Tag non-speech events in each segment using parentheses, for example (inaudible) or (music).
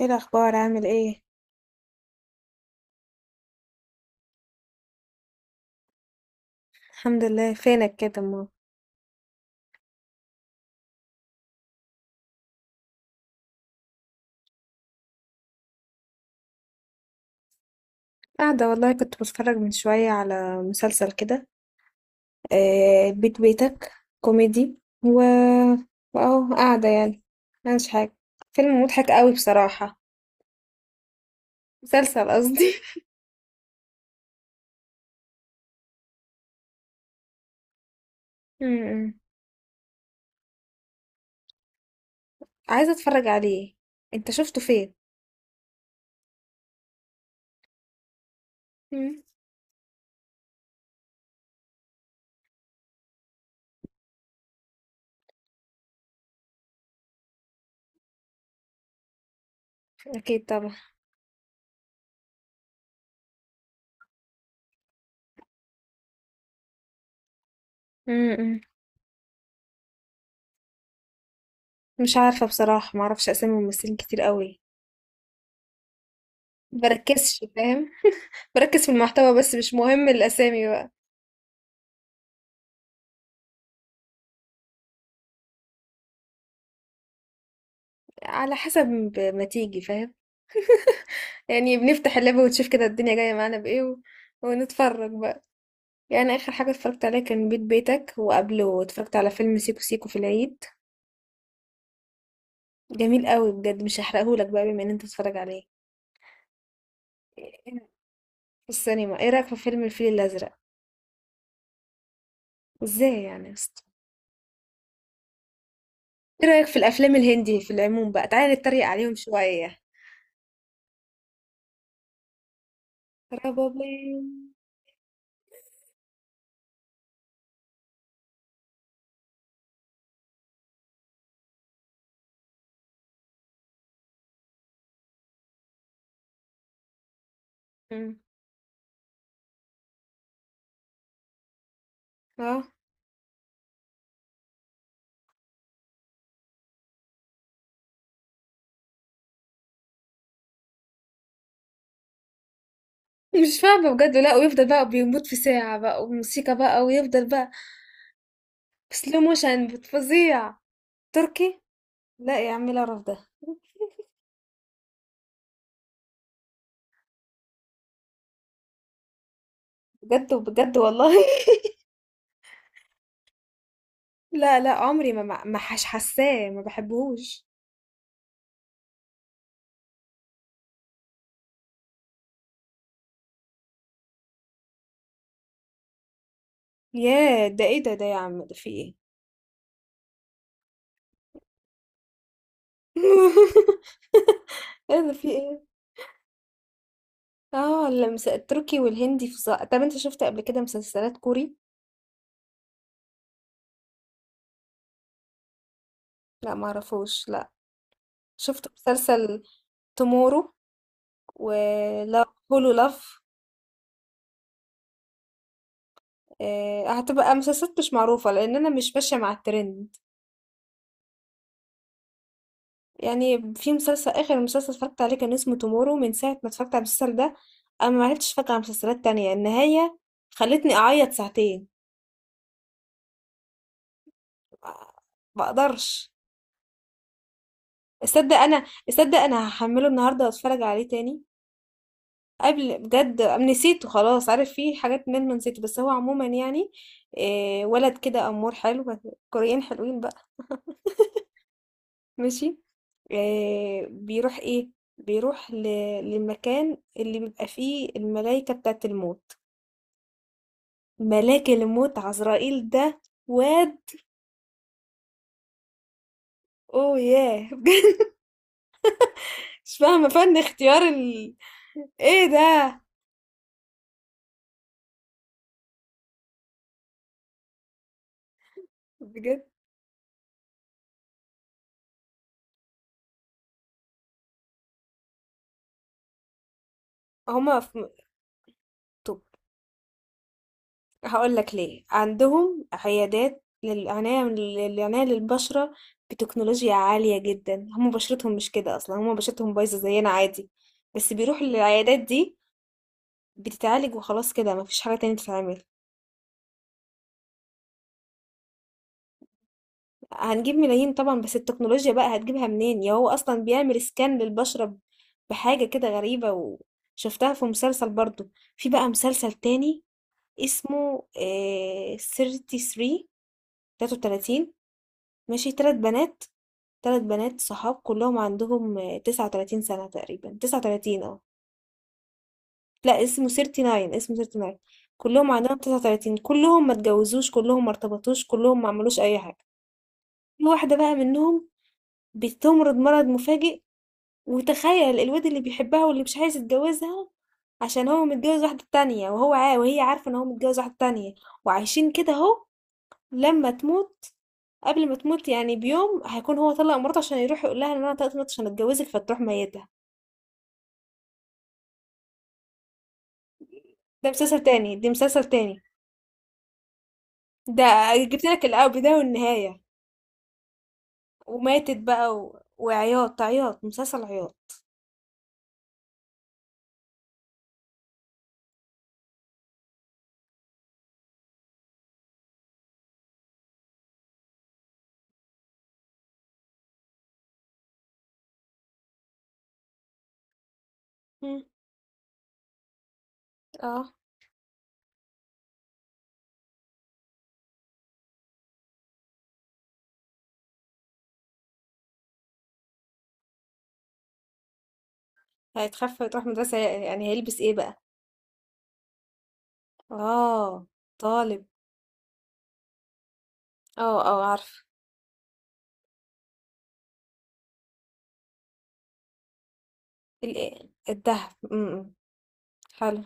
ايه الاخبار؟ عامل ايه؟ الحمد لله، فينك كده؟ ما قاعده والله، كنت بتفرج من شويه على مسلسل كده. بيت بيتك، كوميدي. و واهو قاعده يعني، مش حاجه. فيلم مضحك قوي بصراحه. مسلسل قصدي. (laughs) م-م. عايزه اتفرج عليه. انت شفته فين؟ م. اكيد طبعا. م-م. مش عارفه بصراحه، ما اعرفش اسامي ممثلين كتير قوي. بركزش فاهم، بركز في المحتوى بس، مش مهم الاسامي بقى. على حسب ما تيجي فاهم. يعني بنفتح اللاب ونشوف كده الدنيا جاية معانا بإيه ونتفرج بقى. يعني آخر حاجة اتفرجت عليها كان بيت بيتك، وقبله اتفرجت على فيلم سيكو سيكو في العيد. جميل قوي بجد، مش هحرقهولك بقى بما ان انت تتفرج عليه في السينما. ايه رأيك في فيلم الفيل الأزرق؟ ازاي يعني يا اسطى؟ ايه رأيك في الأفلام الهندي في العموم؟ بقى تعالى نتريق عليهم شوية. ربابين. مم. اه، مش فاهمة بجد لا، ويفضل بقى بيموت في ساعة بقى وموسيقى بقى ويفضل بقى سلو موشن فظيع. تركي؟ لا يا عم، لا رف ده. بجد بجد والله. (laughs) لا لا، عمري ما حش حاساه، ما بحبهوش. ياه، ده ايه ده يا عم، ده في ايه؟ (laughs) ايه ده؟ في ايه؟ اه، اللمس التركي والهندي فظاع. طب انت شفت قبل كده مسلسلات كوري؟ لا، ما اعرفوش لا. شفت مسلسل تومورو؟ ولا هولو لاف؟ هتبقى مسلسلات مش معروفة لأن أنا مش ماشية مع الترند. يعني في مسلسل، اخر مسلسل اتفرجت عليه كان اسمه تومورو، من ساعه ما اتفرجت على المسلسل ده انا ما عرفتش اتفرج على مسلسلات تانية. النهايه خلتني اعيط ساعتين. ما ما اقدرش اصدق. انا اصدق، انا هحمله النهارده واتفرج عليه تاني. قبل بجد، نسيته خلاص. عارف في حاجات من ما نسيته، بس هو عموما يعني إيه، ولد كده امور حلو. كوريين حلوين بقى. ماشي. إيه بيروح ايه؟ بيروح للمكان اللي بيبقى فيه الملايكة بتاعت الموت. ملاك الموت عزرائيل ده. واد. اوه ياه بجد. (laughs) مش فاهمة فن اختيار ايه ده؟ بجد. هما في... طب هقول لك ليه عندهم عيادات للعناية للبشرة بتكنولوجيا عالية جدا. هما بشرتهم مش كده اصلا، هما بشرتهم بايظة زينا عادي، بس بيروحوا للعيادات دي، بتتعالج وخلاص، كده مفيش حاجة تانية تتعمل. هنجيب ملايين طبعا، بس التكنولوجيا بقى هتجيبها منين؟ يا هو اصلا بيعمل سكان للبشرة بحاجة كده غريبة. وشفتها في مسلسل برضو. في بقى مسلسل تاني اسمه 33. 33، ماشي. تلات بنات، تلات بنات صحاب، كلهم عندهم 39 سنة تقريبا، 39، اه لا، اسمه 39، اسمه 39. كلهم عندهم 39، كلهم ما اتجوزوش، كلهم ما ارتبطوش، كلهم ما عملوش اي حاجة. في واحدة بقى منهم بتمرض مرض مفاجئ. وتخيل الواد اللي بيحبها واللي مش عايز يتجوزها عشان هو متجوز واحدة تانية، وهو عا وهي عارفة ان هو متجوز واحدة تانية، وعايشين كده اهو. لما تموت، قبل ما تموت يعني بيوم، هيكون هو طلق مراته عشان يروح يقول لها ان انا طلقت مراتي عشان اتجوزك، فتروح ميتها. ده مسلسل تاني، دي مسلسل تاني. ده جبت لك البداية والنهاية. وماتت بقى وعياط عياط، مسلسل عياط. مم. اه، هيتخفى يروح مدرسة. يعني هيلبس ايه بقى؟ اه، طالب. اه اه، عارفة. الدهب. إمم، حلو.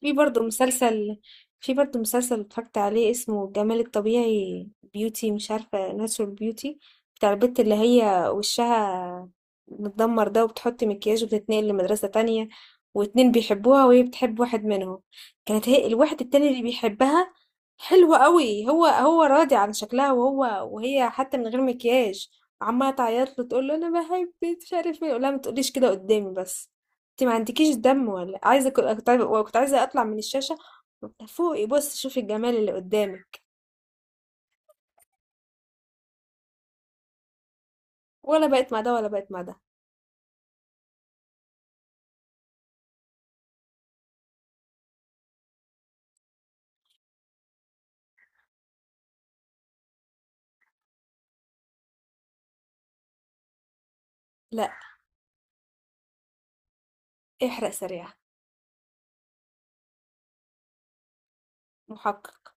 في برضه مسلسل في برضه مسلسل اتفرجت عليه اسمه الجمال الطبيعي، بيوتي، مش عارفة، ناتشورال بيوتي. بتاع البت اللي هي وشها متدمر ده، وبتحط مكياج وبتتنقل لمدرسة تانية، واتنين بيحبوها وهي بتحب واحد منهم. كانت هي الواحد التاني اللي بيحبها. حلوة قوي، هو راضي عن شكلها، وهي حتى من غير مكياج. عمالة تعيط له تقول له انا بحبك، مش عارف ايه، يقول لها ما تقوليش كده قدامي بس. انت ما عندكيش دم، ولا عايزه، كنت كنت عايزه كنت عايزة اطلع من الشاشه فوقي، بص شوفي الجمال اللي قدامك. ولا بقت مع ده، ولا بقت مع ده. لا، احرق سريع. محقق.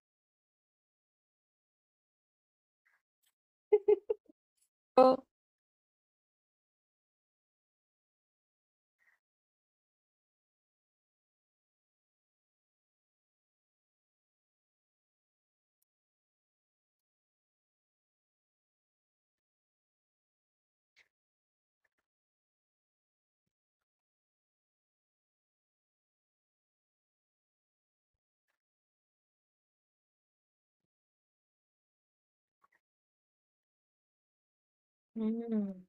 اه. مم.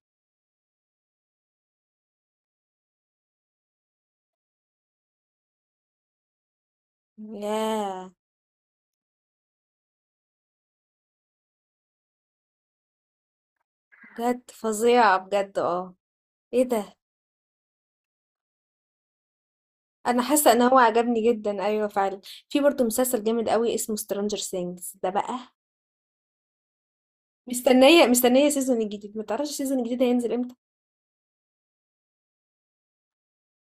ياه، بجد فظيعة بجد. اه، ايه ده؟ انا حاسة ان هو عجبني جدا. ايوه فعلا. في برضه مسلسل جامد قوي اسمه سترانجر سينجز ده بقى. مستنية سيزون الجديد. ما تعرفش السيزون الجديد هينزل امتى؟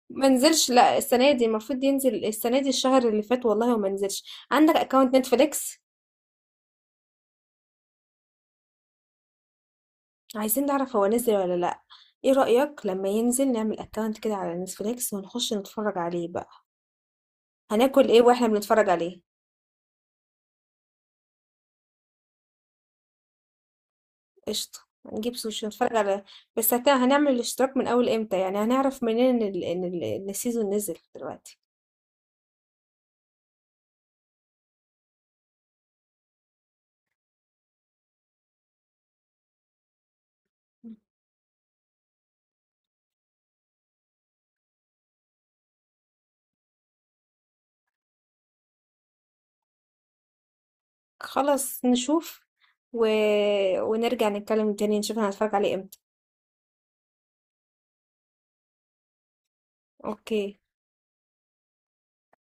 ما نزلش لا، السنه دي المفروض ينزل، السنه دي الشهر اللي فات والله، وما نزلش. عندك اكونت نتفليكس؟ عايزين نعرف هو نزل ولا لا. ايه رأيك لما ينزل نعمل اكونت كده على نتفليكس ونخش نتفرج عليه بقى؟ هناكل ايه واحنا بنتفرج عليه؟ قشطه. هنجيب سوشي نتفرج على. هنعمل الاشتراك من اول امتى؟ يعني هنعرف منين إن السيزون نزل دلوقتي؟ خلاص نشوف و... ونرجع نتكلم تاني نشوف هنتفرج عليه امتى. اوكي.